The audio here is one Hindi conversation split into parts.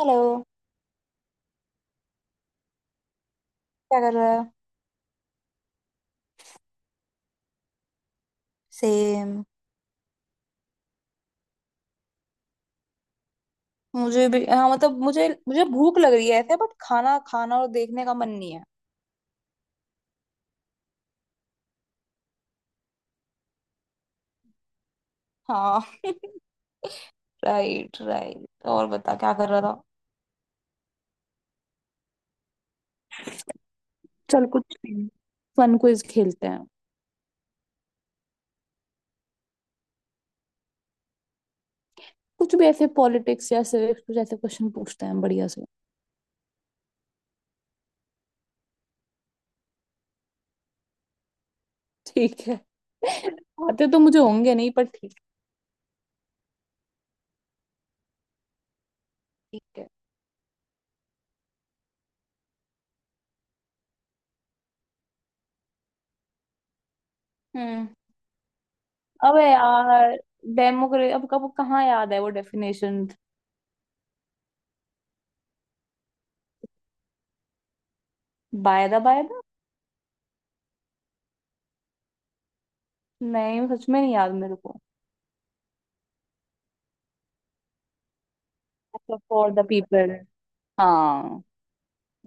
हेलो। क्या कर रहा है? सेम। मुझे भी हाँ। मतलब मुझे मुझे भूख लग रही है ऐसे बट खाना खाना और देखने का मन नहीं है। हाँ। Right, right. और बता, क्या कर रहा था? चल कुछ फन क्विज खेलते हैं। कुछ भी ऐसे पॉलिटिक्स या सिविक्स, कुछ ऐसे क्वेश्चन पूछते हैं बढ़िया से। ठीक है। आते तो मुझे होंगे नहीं, पर ठीक। ठीक है। हम्म। अबे यार, डेमोक्रेसी, अब कब कहाँ याद है वो डेफिनेशन। वायदा वायदा? नहीं, सच में नहीं याद मेरे को। अच्छा, फॉर द पीपल। हाँ।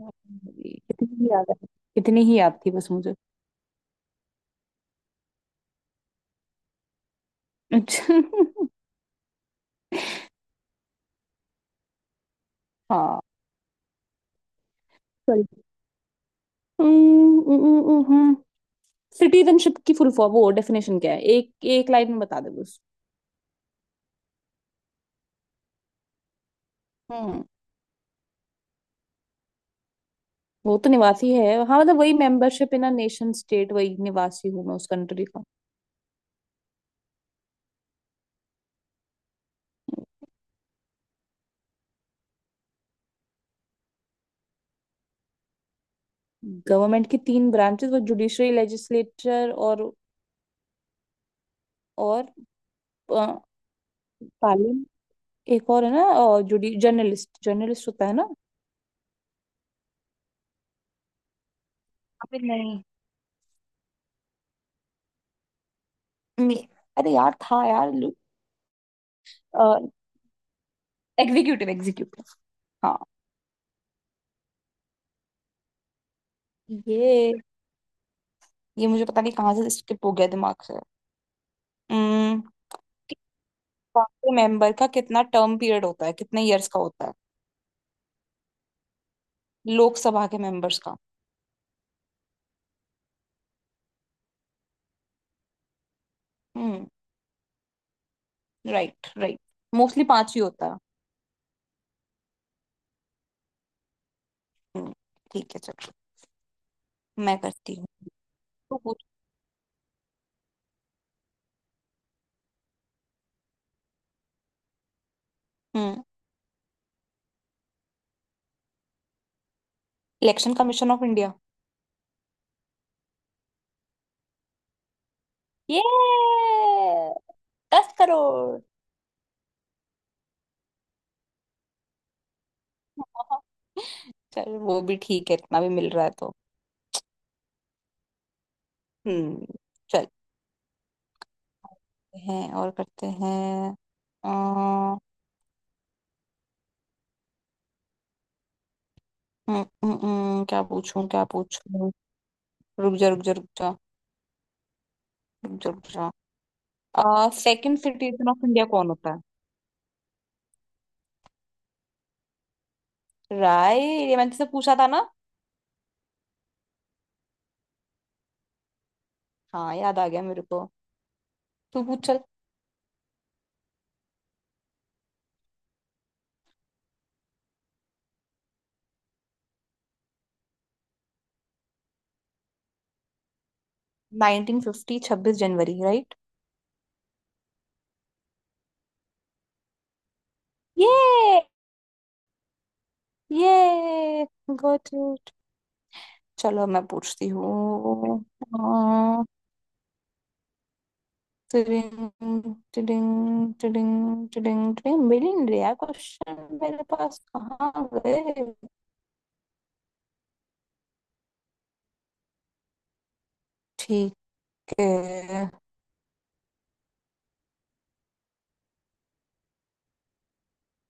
कितनी ही याद है। कितनी ही याद थी बस मुझे। अच्छा। हाँ। सॉरी, सिटीजनशिप की फुल फॉर्म, वो डेफिनेशन क्या है? एक एक लाइन में बता दे बस। हम्म। वो तो निवासी है, हाँ। मतलब वही, membership in a nation state, वही निवासी हूँ मैं उस कंट्री का। गवर्नमेंट की तीन ब्रांचेस, वो जुडिशरी, लेजिस्लेचर और पार्लियामेंट। एक और है ना, और जुडी, जर्नलिस्ट, जर्नलिस्ट होता है ना? अबे नहीं, मे- अरे यार, था यार। Executive, executive. हाँ। ये ये मुझे पता नहीं कहाँ से स्किप हो गया दिमाग से। हम्म, लोकसभा के मेंबर का कितना टर्म पीरियड होता है? कितने इयर्स का होता है? लोकसभा के मेंबर्स का। हम्म। Right, right. मोस्टली 5 ही होता है। हम्म। ठीक है, चलो। मैं करती हूँ। तू पूछ। Hmm. Election commission of India. ये 10 करोड़। चल वो भी ठीक है, इतना भी मिल रहा है तो। हम्म। चल। हैं और करते हैं। अ, हम्म, क्या पूछूं, क्या पूछूं? रुक जा, रुक जा, रुक जा, रुक जा, रुक जा। सेकंड सिटीजन ऑफ इंडिया कौन होता है? राय, ये मैंने तुझसे पूछा था ना। हाँ, याद आ गया मेरे को। तू पूछ, चल। 1950, 26 जनवरी, राइट। ये ये गॉट इट। चलो, मैं पूछती हूँ। टिडिंग टिडिंग टिडिंग टिडिंग टिडिंग मिल ही नहीं रहा क्वेश्चन मेरे पास, कहाँ गए? ठीक है।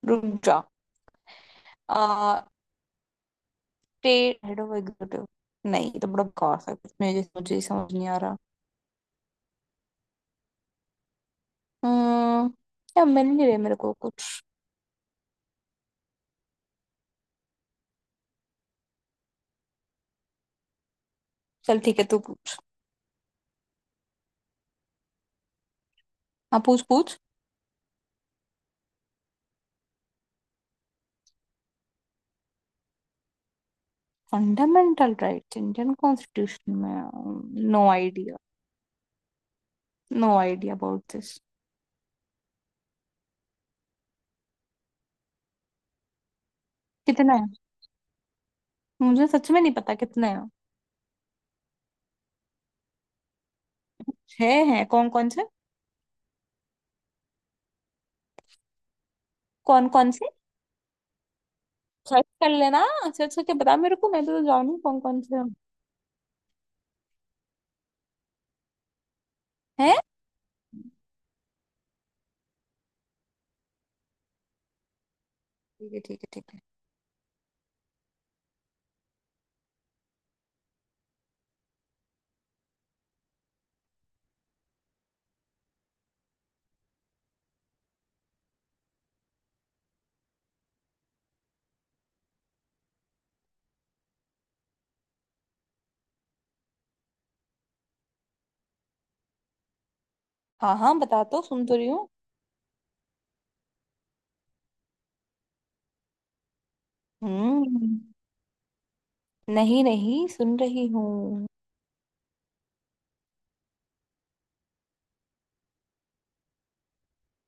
रुक जा। आ स्टेट हेड ऑफ एग्जीक्यूटिव। नहीं, ये तो बड़ा बेकार सा कुछ, मुझे मुझे ही समझ नहीं आ रहा। हम्म। क्या मिल नहीं रहा मेरे को कुछ। चल ठीक है, तू पूछ। हाँ पूछ, पूछ। फंडामेंटल राइट्स इंडियन कॉन्स्टिट्यूशन में, no idea. No idea about this. कितना है? मुझे सच में नहीं पता कितने हैं। 6 हैं, कौन कौन से? कौन कौन से? सर्च कर लेना। सर्च करके बता मेरे को, मैं तो जानू कौन कौन से हैं। हैं? ठीक है, ठीक है, ठीक है। हाँ हाँ, बता तो, सुन तो रही हूँ। हम्म। नहीं नहीं, सुन रही हूँ।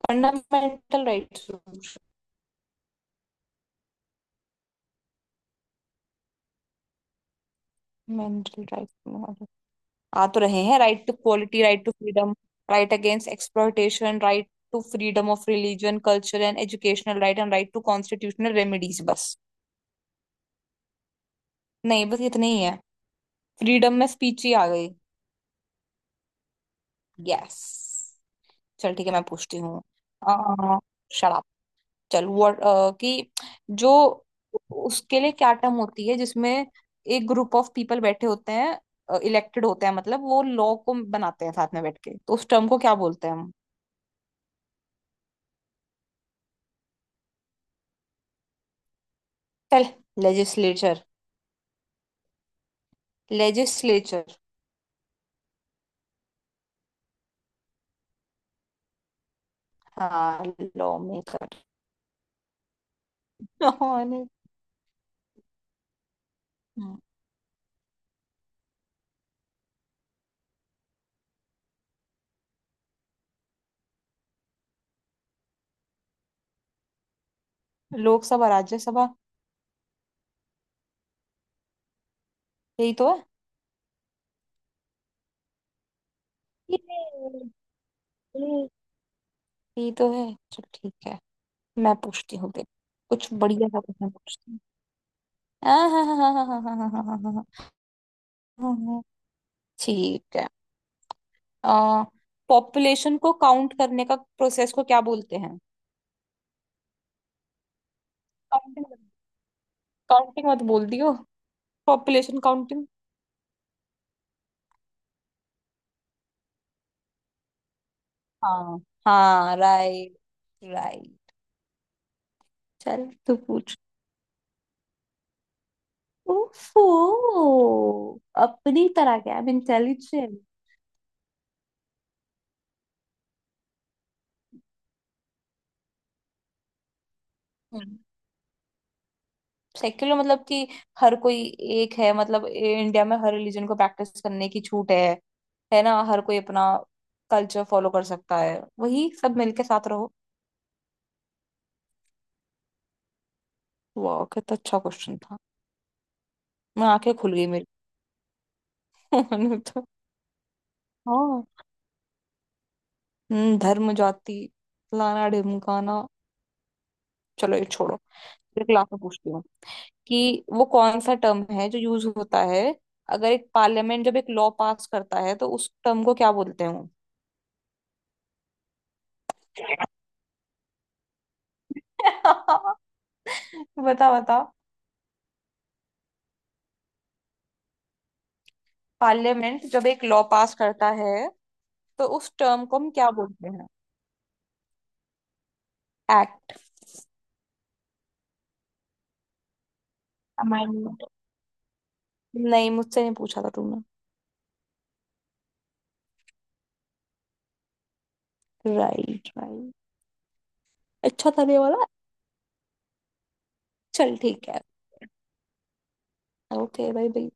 Fundamental rights. Mental rights. आ तो रहे हैं, right to quality, right to freedom, right against exploitation, right to freedom of religion, culture and educational right and right to constitutional remedies, बस। नहीं बस इतने ही है, फ्रीडम में स्पीच ही आ गई। यस। चल ठीक है, मैं पूछती हूँ। अ, शराब, चल वो, कि जो, उसके लिए क्या टर्म होती है, जिसमें एक ग्रुप ऑफ पीपल बैठे होते हैं, इलेक्टेड होते हैं, मतलब वो लॉ को बनाते हैं साथ में बैठ के, तो उस टर्म को क्या बोलते हैं हम? चल। लेजिस्लेचर। लेजिस्लेचर। हाँ, लॉ मेकर। लोकसभा, राज्यसभा। यही तो है। ये- ये- यही तो है। चल ठीक है। मैं पूछती हूँ तेरे, कुछ बढ़िया सा क्वेश्चन पूछती हूँ। हाँ हाँ हाँ हाँ हाँ हाँ हाँ हाँ हाँ, हाँ, हाँ, ठीक है। आ, पॉपुलेशन को काउंट करने का प्रोसेस को क्या बोलते हैं? काउंटिंग? काउंटिंग मत बोल दियो, पॉपुलेशन काउंटिंग। हाँ। हाँ राइट, राइट। चल तू पूछ। ओफो, अपनी तरह क्या, आई एम इंटेलिजेंट। सेक्युलर मतलब कि हर कोई एक है, मतलब ए- इंडिया में हर रिलीजन को प्रैक्टिस करने की छूट है ना, हर कोई अपना कल्चर फॉलो कर सकता है, वही सब मिलके साथ रहो। वाह, कितना अच्छा क्वेश्चन था। मैं आंखें खुल गई मेरी। मन में तो हाँ। धर्म, जाति, लाना, ढिमकाना। चलो ये छोड़ो। एक लास्ट में पूछती हूँ कि वो कौन सा टर्म है जो यूज होता है, अगर एक पार्लियामेंट जब एक लॉ पास करता है, तो उस टर्म को क्या बोलते हैं वो? बता बता। पार्लियामेंट जब एक लॉ पास करता है तो उस टर्म को हम क्या बोलते हैं? एक्ट। अमेंडमेंट। नहीं, मुझसे नहीं पूछा था तुमने। Right, right. अच्छा था ये वाला। चल ठीक है। ओके भाई, भाई।